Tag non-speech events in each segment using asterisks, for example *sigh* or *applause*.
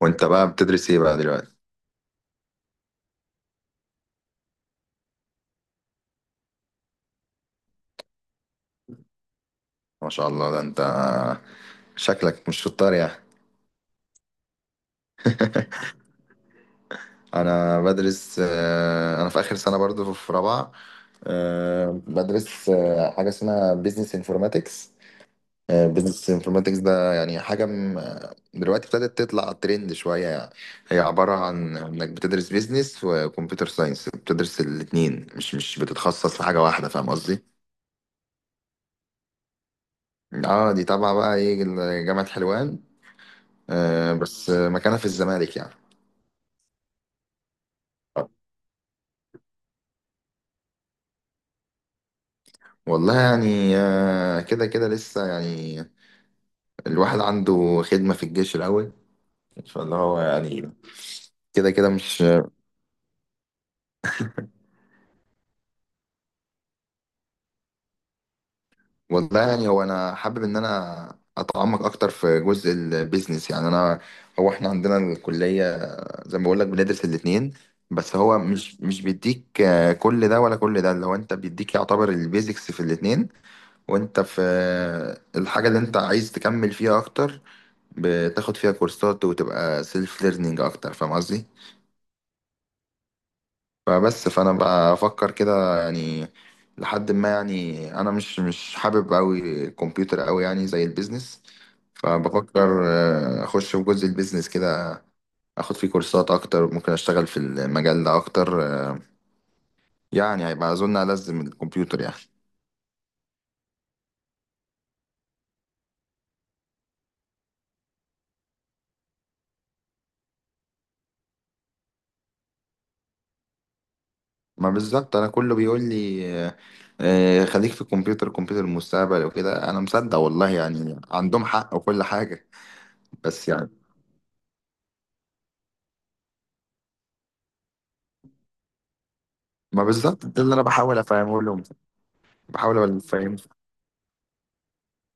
وانت بقى بتدرس ايه بقى دلوقتي؟ ما شاء الله ده انت شكلك مش شطار يعني. *laughs* انا بدرس انا في اخر سنه برضو في رابعه. بدرس حاجه اسمها بيزنس انفورماتكس. بيزنس انفورماتكس ده يعني حاجه دلوقتي ابتدت تطلع ترند شويه يعني. هي عباره عن انك بتدرس بيزنس وكمبيوتر ساينس، بتدرس الاتنين، مش بتتخصص في حاجه واحده، فاهم قصدي؟ اه، دي طبعا بقى ايه، جامعه حلوان. بس مكانها في الزمالك يعني. والله يعني كده كده لسه يعني، الواحد عنده خدمة في الجيش الأول، فاللي هو يعني كده كده مش. والله يعني هو أنا حابب إن أنا أتعمق أكتر في جزء البيزنس يعني. أنا هو إحنا عندنا الكلية، زي ما بقول لك، بندرس الاتنين، بس هو مش بيديك كل ده ولا كل ده، اللي هو أنت بيديك يعتبر البيزكس في الاتنين، وأنت في الحاجة اللي أنت عايز تكمل فيها أكتر بتاخد فيها كورسات وتبقى سيلف ليرنينج أكتر، فاهم قصدي؟ فبس فانا بفكر كده يعني، لحد ما يعني انا مش حابب قوي الكمبيوتر قوي يعني زي البيزنس. فبفكر اخش في جزء البيزنس كده، اخد فيه كورسات اكتر، ممكن اشتغل في المجال ده اكتر يعني، هيبقى اظن ألزم الكمبيوتر يعني. ما بالظبط انا كله بيقول لي خليك في الكمبيوتر، الكمبيوتر المستقبل وكده، انا مصدق والله يعني، عندهم حق وكل حاجة، بس يعني. ما بالظبط ده اللي انا بحاول افهمه لهم، بحاول افهمهم.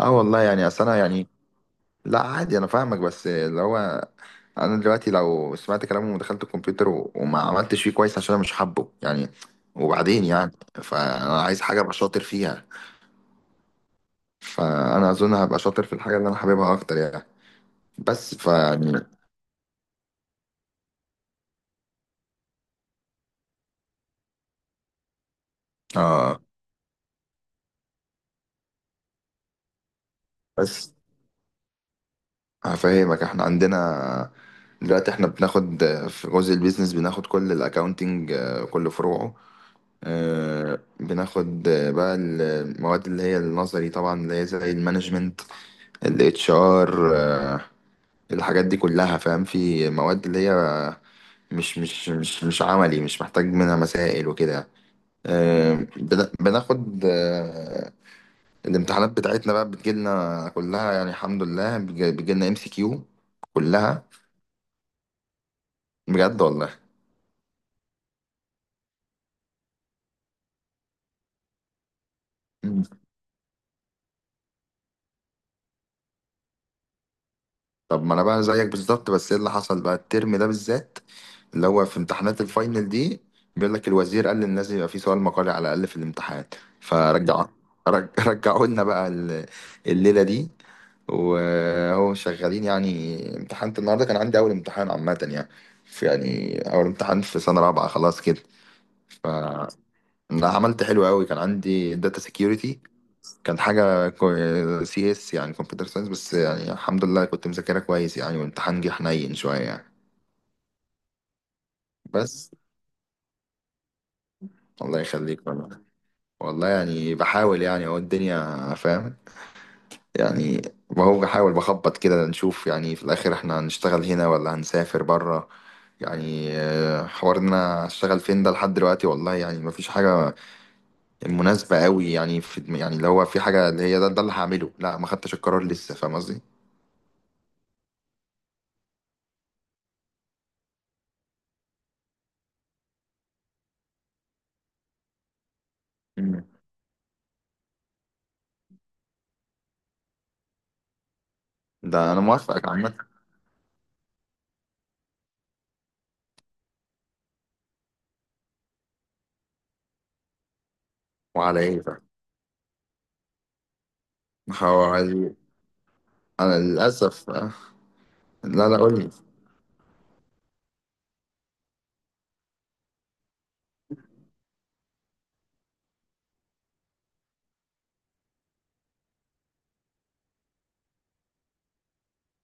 اه والله يعني اصل انا يعني. لا عادي انا فاهمك، بس اللي هو انا دلوقتي لو سمعت كلامهم ودخلت الكمبيوتر وما عملتش فيه كويس عشان انا مش حابه يعني، وبعدين يعني فانا عايز حاجه ابقى شاطر فيها. فانا اظن هبقى شاطر في الحاجه اللي انا حاببها اكتر يعني، بس فيعني. اه بس هفهمك. احنا عندنا دلوقتي احنا بناخد في جزء البيزنس، بناخد كل الاكاونتنج، كل فروعه. بناخد بقى المواد اللي هي النظري طبعا، اللي هي زي المانجمنت، الاتش ار، الحاجات دي كلها، فاهم، في مواد اللي هي مش عملي، مش محتاج منها مسائل وكده. آه، بن- بناخد آه، الامتحانات بتاعتنا بقى بتجيلنا كلها يعني، الحمد لله، بتجيلنا ام سي كيو كلها. بجد والله. طب ما انا بقى زيك بالظبط، بس ايه اللي حصل بقى الترم ده بالذات، اللي هو في امتحانات الفاينل دي، بيقول لك الوزير قال ان لازم يبقى في سؤال مقالي على الاقل في الامتحان. فرجع، *laughs* رجعوا لنا بقى الليله دي، وهو شغالين يعني. امتحنت النهارده، كان عندي اول امتحان عامه يعني، في يعني اول امتحان في سنه رابعه خلاص كده. ف انا عملت حلو قوي، كان عندي داتا سكيورتي، كان حاجة سي اس يعني كمبيوتر ساينس، بس يعني الحمد لله كنت مذاكرها كويس يعني، والامتحان جه حنين شوية يعني. بس الله يخليك والله. والله يعني بحاول يعني، اهو الدنيا فاهم يعني، بهو بحاول بخبط كده نشوف يعني، في الآخر احنا هنشتغل هنا ولا هنسافر برا يعني. حوار ان انا اشتغل فين ده لحد دلوقتي والله يعني مفيش حاجة مناسبة قوي يعني، في يعني اللي هو في حاجة اللي هي ده, ده اللي هعمله، لا، ما خدتش القرار لسه، فاهم قصدي؟ مم. ده انا موافقك عامة. وعلى ايه بقى؟ حوالي انا للاسف لا لا قول لي.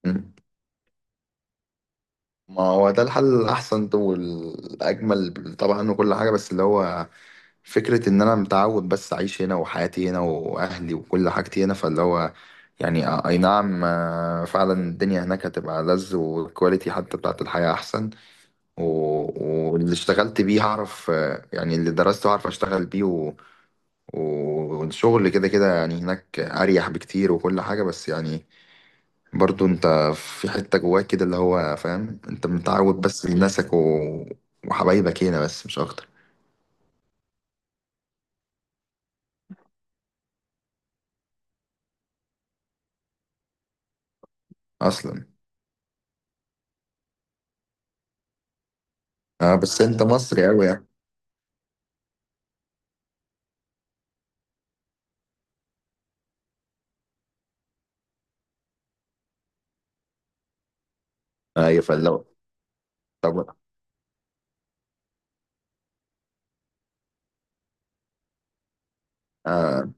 مم. ما هو ده الحل الاحسن والاجمل طبعا وكل حاجه، بس اللي هو فكره ان انا متعود بس اعيش هنا، وحياتي هنا واهلي وكل حاجتي هنا، فاللي هو يعني اي نعم فعلا، الدنيا هناك هتبقى لذ، والكواليتي حتى بتاعت الحياه احسن، واللي اشتغلت بيه هعرف يعني اللي درسته هعرف اشتغل بيه، والشغل كده كده يعني هناك اريح بكتير وكل حاجه، بس يعني برضو انت في حته جواك كده اللي هو، فاهم، انت متعود بس لناسك وحبايبك هنا، بس مش اكتر اصلا. اه بس انت مصري قوي يعني. ايوه فلو. طب آه،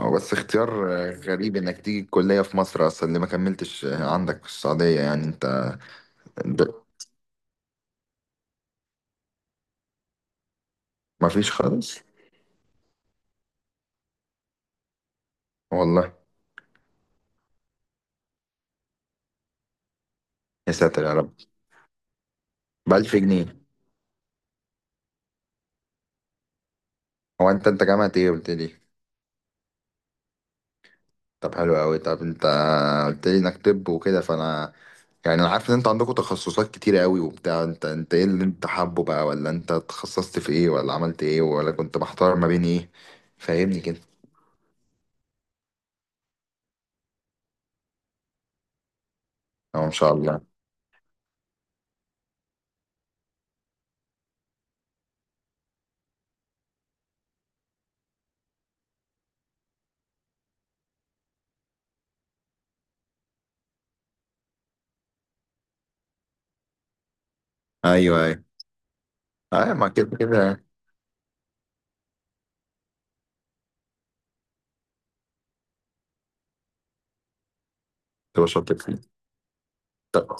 هو بس اختيار غريب انك تيجي الكليه في مصر اصلا اللي ما كملتش عندك في السعوديه يعني، انت ب... ما فيش خالص. والله؟ يا ساتر يا رب. بألف جنيه. هو انت انت جامعة ايه قلت لي؟ طب حلو قوي. طب انت قلت لي انك طب وكده، فانا يعني انا عارف ان انت عندكم تخصصات كتيرة قوي وبتاع، انت انت ايه اللي انت حابه بقى، ولا انت تخصصت في ايه، ولا عملت ايه، ولا كنت محتار ما بين ايه، فاهمني كده؟ اه ان شاء الله. ايوه ايوه. ايوه ما كده كده تبقى شاطر فيه. طب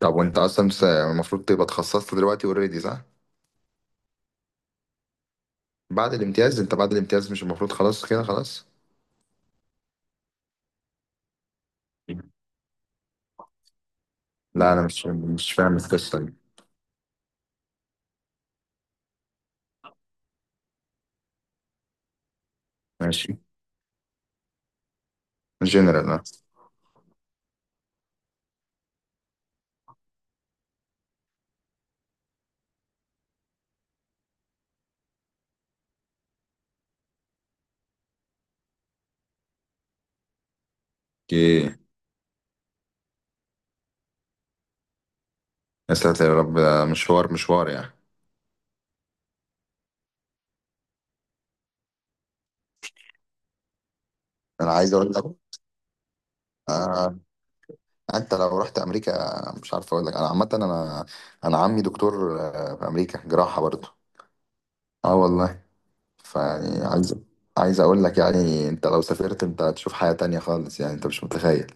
طب وانت اصلا المفروض تبقى اتخصصت دلوقتي اوريدي صح؟ بعد الامتياز. انت بعد الامتياز مش المفروض خلاص كده خلاص؟ لا انا مش فاهم القصة دي. ماشي. جنرال. اوكي. يا ساتر يا رب، ده مشوار مشوار يعني. انا عايز اقول لك آه، انت لو رحت امريكا، مش عارف اقول لك، انا عامه انا، انا عمي دكتور في امريكا، جراحه برضه. اه والله. فيعني عايز عايز اقول لك يعني، انت لو سافرت انت هتشوف حياه تانية خالص يعني، انت مش متخيل.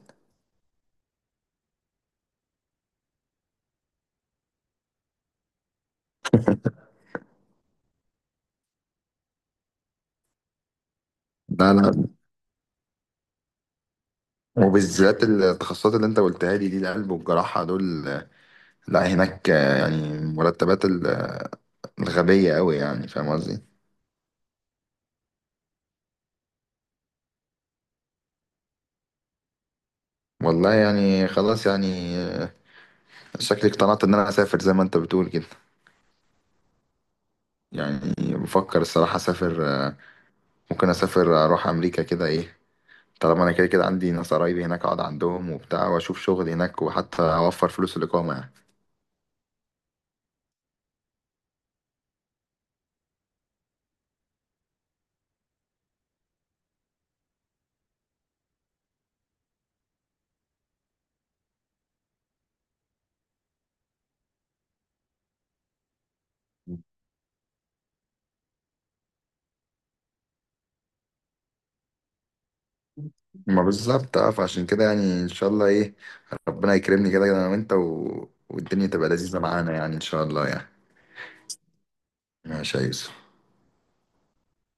لا لا، وبالذات التخصصات اللي انت قلتها لي دي، القلب والجراحه دول لا هناك يعني مرتبات الغبيه قوي يعني، فاهم قصدي؟ والله يعني خلاص يعني شكلي اقتنعت ان انا اسافر زي ما انت بتقول كده يعني. بفكر الصراحه اسافر ممكن اسافر اروح امريكا كده ايه، طالما انا كده كده عندي ناس قرايبي هناك، اقعد عندهم وبتاع، واشوف شغل هناك، وحتى اوفر فلوس الاقامه يعني. ما بالظبط. اه فعشان كده يعني ان شاء الله ايه، ربنا يكرمني كده انا وانت والدنيا تبقى لذيذه معانا يعني، ان شاء الله يعني. ماشي يا يوسف.